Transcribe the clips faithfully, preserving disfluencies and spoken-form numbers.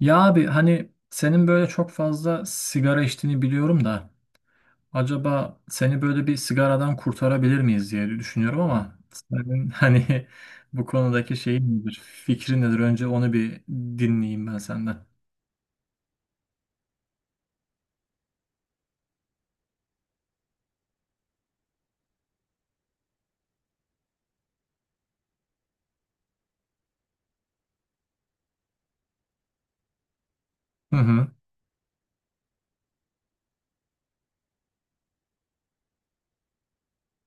Ya abi hani senin böyle çok fazla sigara içtiğini biliyorum da acaba seni böyle bir sigaradan kurtarabilir miyiz diye düşünüyorum ama senin hani bu konudaki şeyin nedir, fikrin nedir? Önce onu bir dinleyeyim ben senden. Hı hı,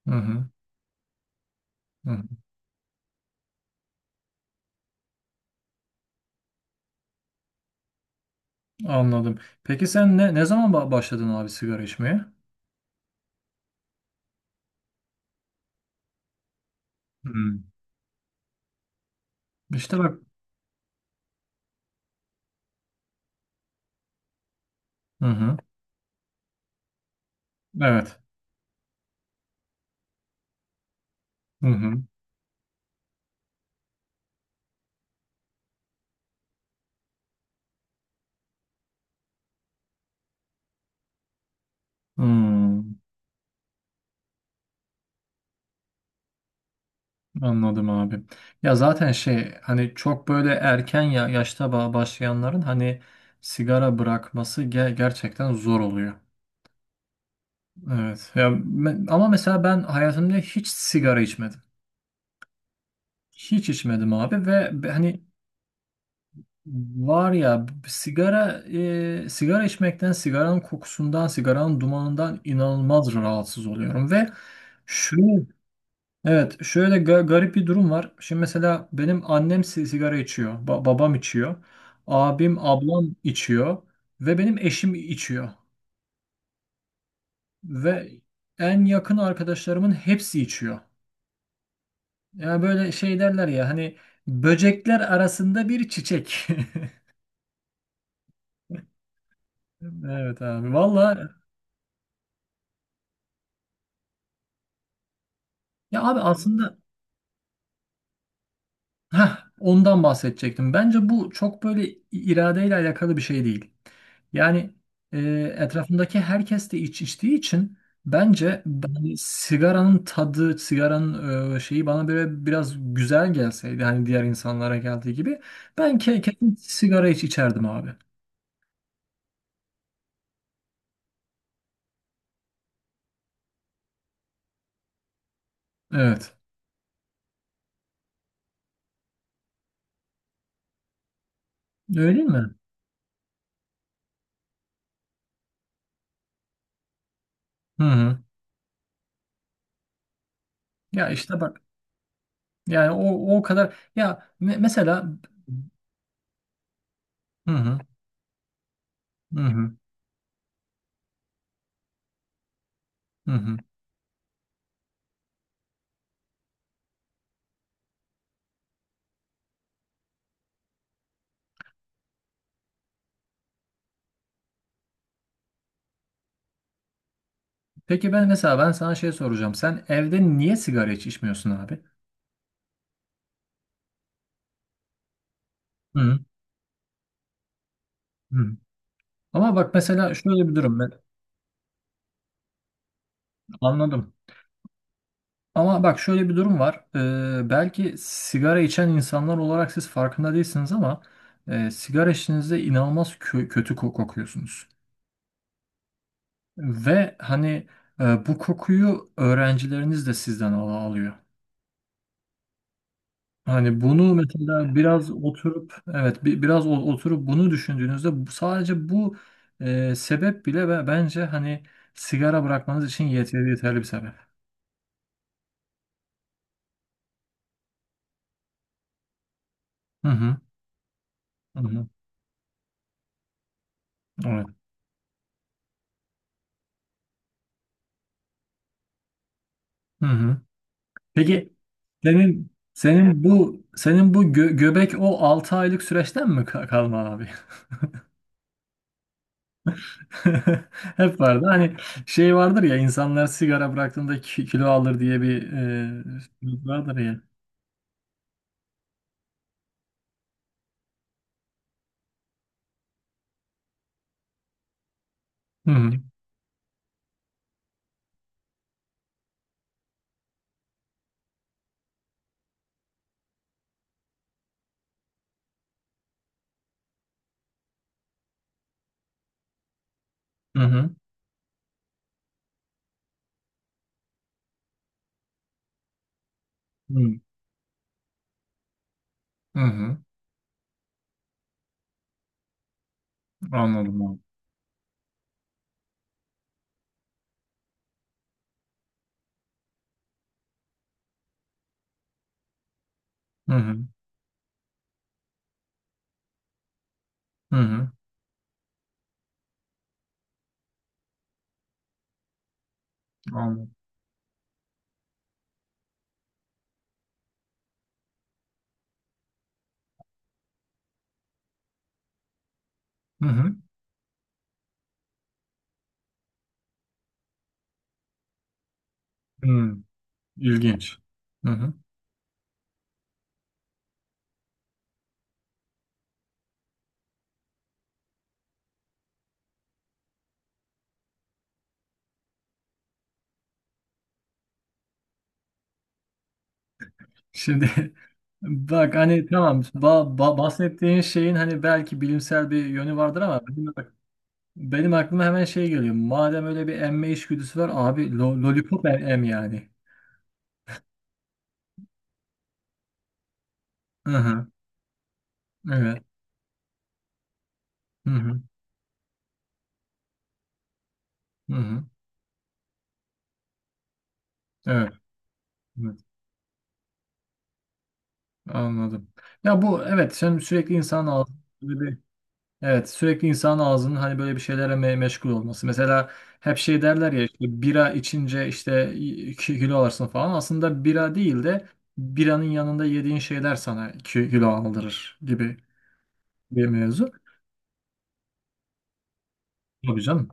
hı hı, hı, hı. Anladım. Peki sen ne, ne zaman ba- başladın abi sigara içmeye? Hı. İşte bak. Hı hı. Evet. Hı hı. Hı. Anladım abi. Ya zaten şey hani çok böyle erken ya yaşta ba- başlayanların hani sigara bırakması ge- gerçekten zor oluyor. Evet. Ya me- ama mesela ben hayatımda hiç sigara içmedim. Hiç içmedim abi ve be- hani var ya b- sigara e, sigara içmekten, sigaranın kokusundan, sigaranın dumanından inanılmaz rahatsız oluyorum ve şu. Evet, şöyle ga- garip bir durum var. Şimdi mesela benim annem si- sigara içiyor, ba- babam içiyor, abim, ablam içiyor ve benim eşim içiyor ve en yakın arkadaşlarımın hepsi içiyor. Yani böyle şey derler ya hani böcekler arasında bir çiçek. Evet abi valla, ya abi aslında, heh, ondan bahsedecektim. Bence bu çok böyle iradeyle alakalı bir şey değil. Yani e, etrafındaki herkes de iç içtiği için bence ben sigaranın tadı, sigaranın e, şeyi bana böyle biraz güzel gelseydi hani diğer insanlara geldiği gibi ben ke kesin sigara iç içerdim abi. Evet. Öyle değil mi? Hı hı. Ya işte bak yani o o kadar ya me- mesela. Hı hı, hı hı, hı hı. Peki ben mesela ben sana şey soracağım. Sen evde niye sigara hiç içmiyorsun abi? Hı hı. Ama bak mesela şöyle bir durum ben. Anladım. Ama bak şöyle bir durum var. Ee, belki sigara içen insanlar olarak siz farkında değilsiniz ama e, sigara içtiğinizde inanılmaz kö- kötü ko- kokuyorsunuz. Ve hani e, bu kokuyu öğrencileriniz de sizden al- alıyor. Hani bunu mesela biraz oturup evet bi- biraz o- oturup bunu düşündüğünüzde bu- sadece bu e, sebep bile be- bence hani sigara bırakmanız için yeterli yeterli bir sebep. Hı hı. Hı hı. Evet. Hı hı. Peki senin senin bu senin bu gö- göbek o altı aylık süreçten mi ka- kalma abi? Hep vardı. Hani şey vardır ya insanlar sigara bıraktığında ki- kilo alır diye bir e, vardır ya. Hı hı. Hı hı. Hı hı. Anladım abi. Hı hı. Hı hı. Anladım. Hı hı. Hı. İlginç. Hı hı. Şimdi bak hani tamam ba- ba- bahsettiğin şeyin hani belki bilimsel bir yönü vardır ama benim, benim aklıma hemen şey geliyor. Madem öyle bir emme içgüdüsü var abi lo- lollipop em, em yani. Hı hı. Evet. Hı hı. Hı hı. Evet. Evet. Anladım. Ya bu evet sen sürekli insanın ağzı. Evet, sürekli insanın ağzının hani böyle bir şeylere me- meşgul olması. Mesela hep şey derler ya işte bira içince işte iki kilo alırsın falan. Aslında bira değil de biranın yanında yediğin şeyler sana iki kilo aldırır gibi bir mevzu. Tabii canım.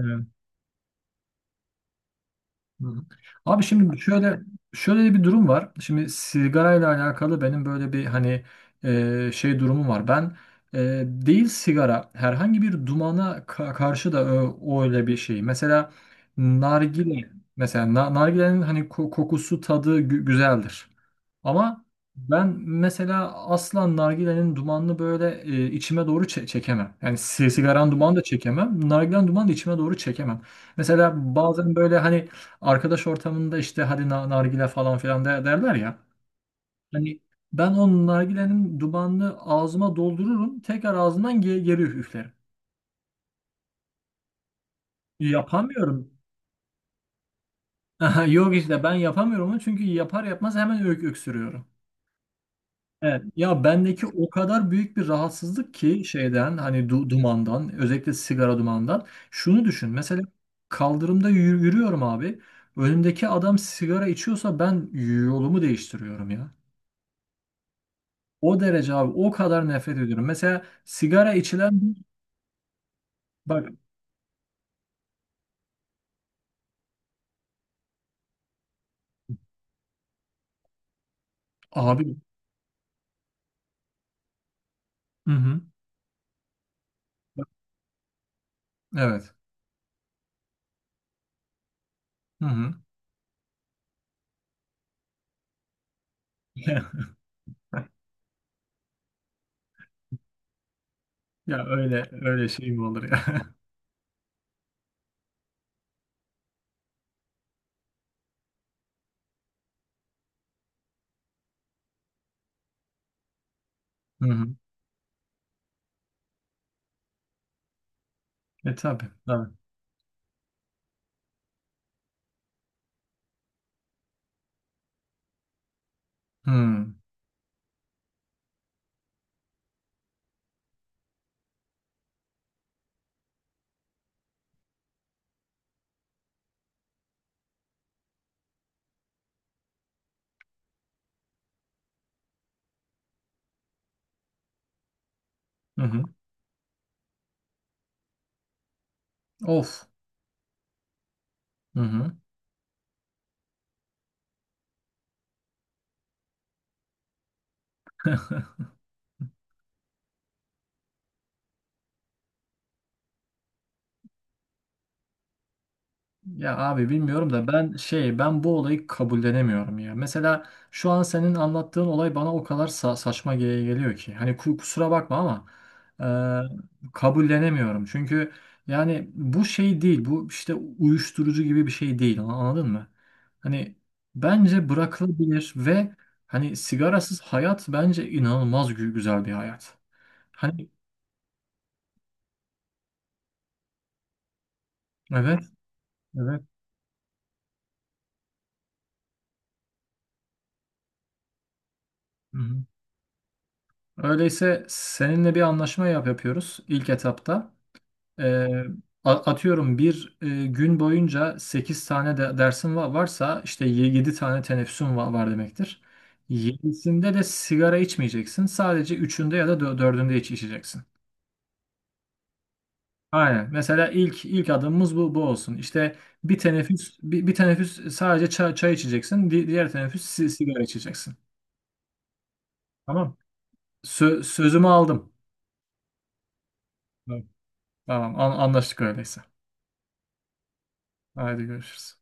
Evet. Hı hı. Abi şimdi şöyle şöyle bir durum var. Şimdi sigarayla alakalı benim böyle bir hani e, şey durumum var. Ben e, değil sigara herhangi bir dumana ka- karşı da ö- o öyle bir şey. Mesela nargile, mesela na- nargilenin hani ko- kokusu tadı gü- güzeldir. Ama ben mesela asla nargilenin dumanını böyle e, içime doğru çe- çekemem. Yani si- sigaranın dumanı da çekemem. Nargilenin dumanı da içime doğru çekemem. Mesela bazen böyle hani arkadaş ortamında işte hadi na- nargile falan filan de- derler ya. Hani ben o nargilenin dumanını ağzıma doldururum. Tekrar ağzımdan ge- geri üf- üflerim. Yapamıyorum. Yok işte ben yapamıyorum onu çünkü yapar yapmaz hemen ök öksürüyorum. Evet, ya bendeki o kadar büyük bir rahatsızlık ki şeyden hani du- dumandan özellikle sigara dumanından şunu düşün mesela kaldırımda yürü- yürüyorum abi önümdeki adam sigara içiyorsa ben yolumu değiştiriyorum ya. O derece abi o kadar nefret ediyorum. Mesela sigara içilen. Bir- bak abi. Hı hı. Evet. Hı hı. Ya öyle öyle şey mi olur ya? Hı hı. E tabii. Tabii. Hı hı. Of. Hı hı. Ya abi bilmiyorum da ben şey ben bu olayı kabullenemiyorum ya. Mesela şu an senin anlattığın olay bana o kadar sa- saçma ge- geliyor ki. Hani ku- kusura bakma ama e, kabullenemiyorum. Çünkü yani bu şey değil. Bu işte uyuşturucu gibi bir şey değil. an- Anladın mı? Hani bence bırakılabilir ve hani sigarasız hayat bence inanılmaz gü- güzel bir hayat. Hani evet evet. Hı hı. Öyleyse seninle bir anlaşma yap yapıyoruz ilk etapta. E, a- atıyorum bir e, gün boyunca sekiz tane de dersim va- varsa işte yedi tane teneffüsün va- var demektir. Yedisinde de sigara içmeyeceksin. Sadece üçünde ya da dördünde iç içeceksin. Aynen. Mesela ilk ilk adımımız bu bu olsun. İşte bir teneffüs bir, bir teneffüs sadece çay, çay içeceksin. Di- diğer teneffüs si- sigara içeceksin. Tamam. Sö- sözümü aldım. Tamam. Tamam. An- anlaştık öyleyse. Haydi görüşürüz.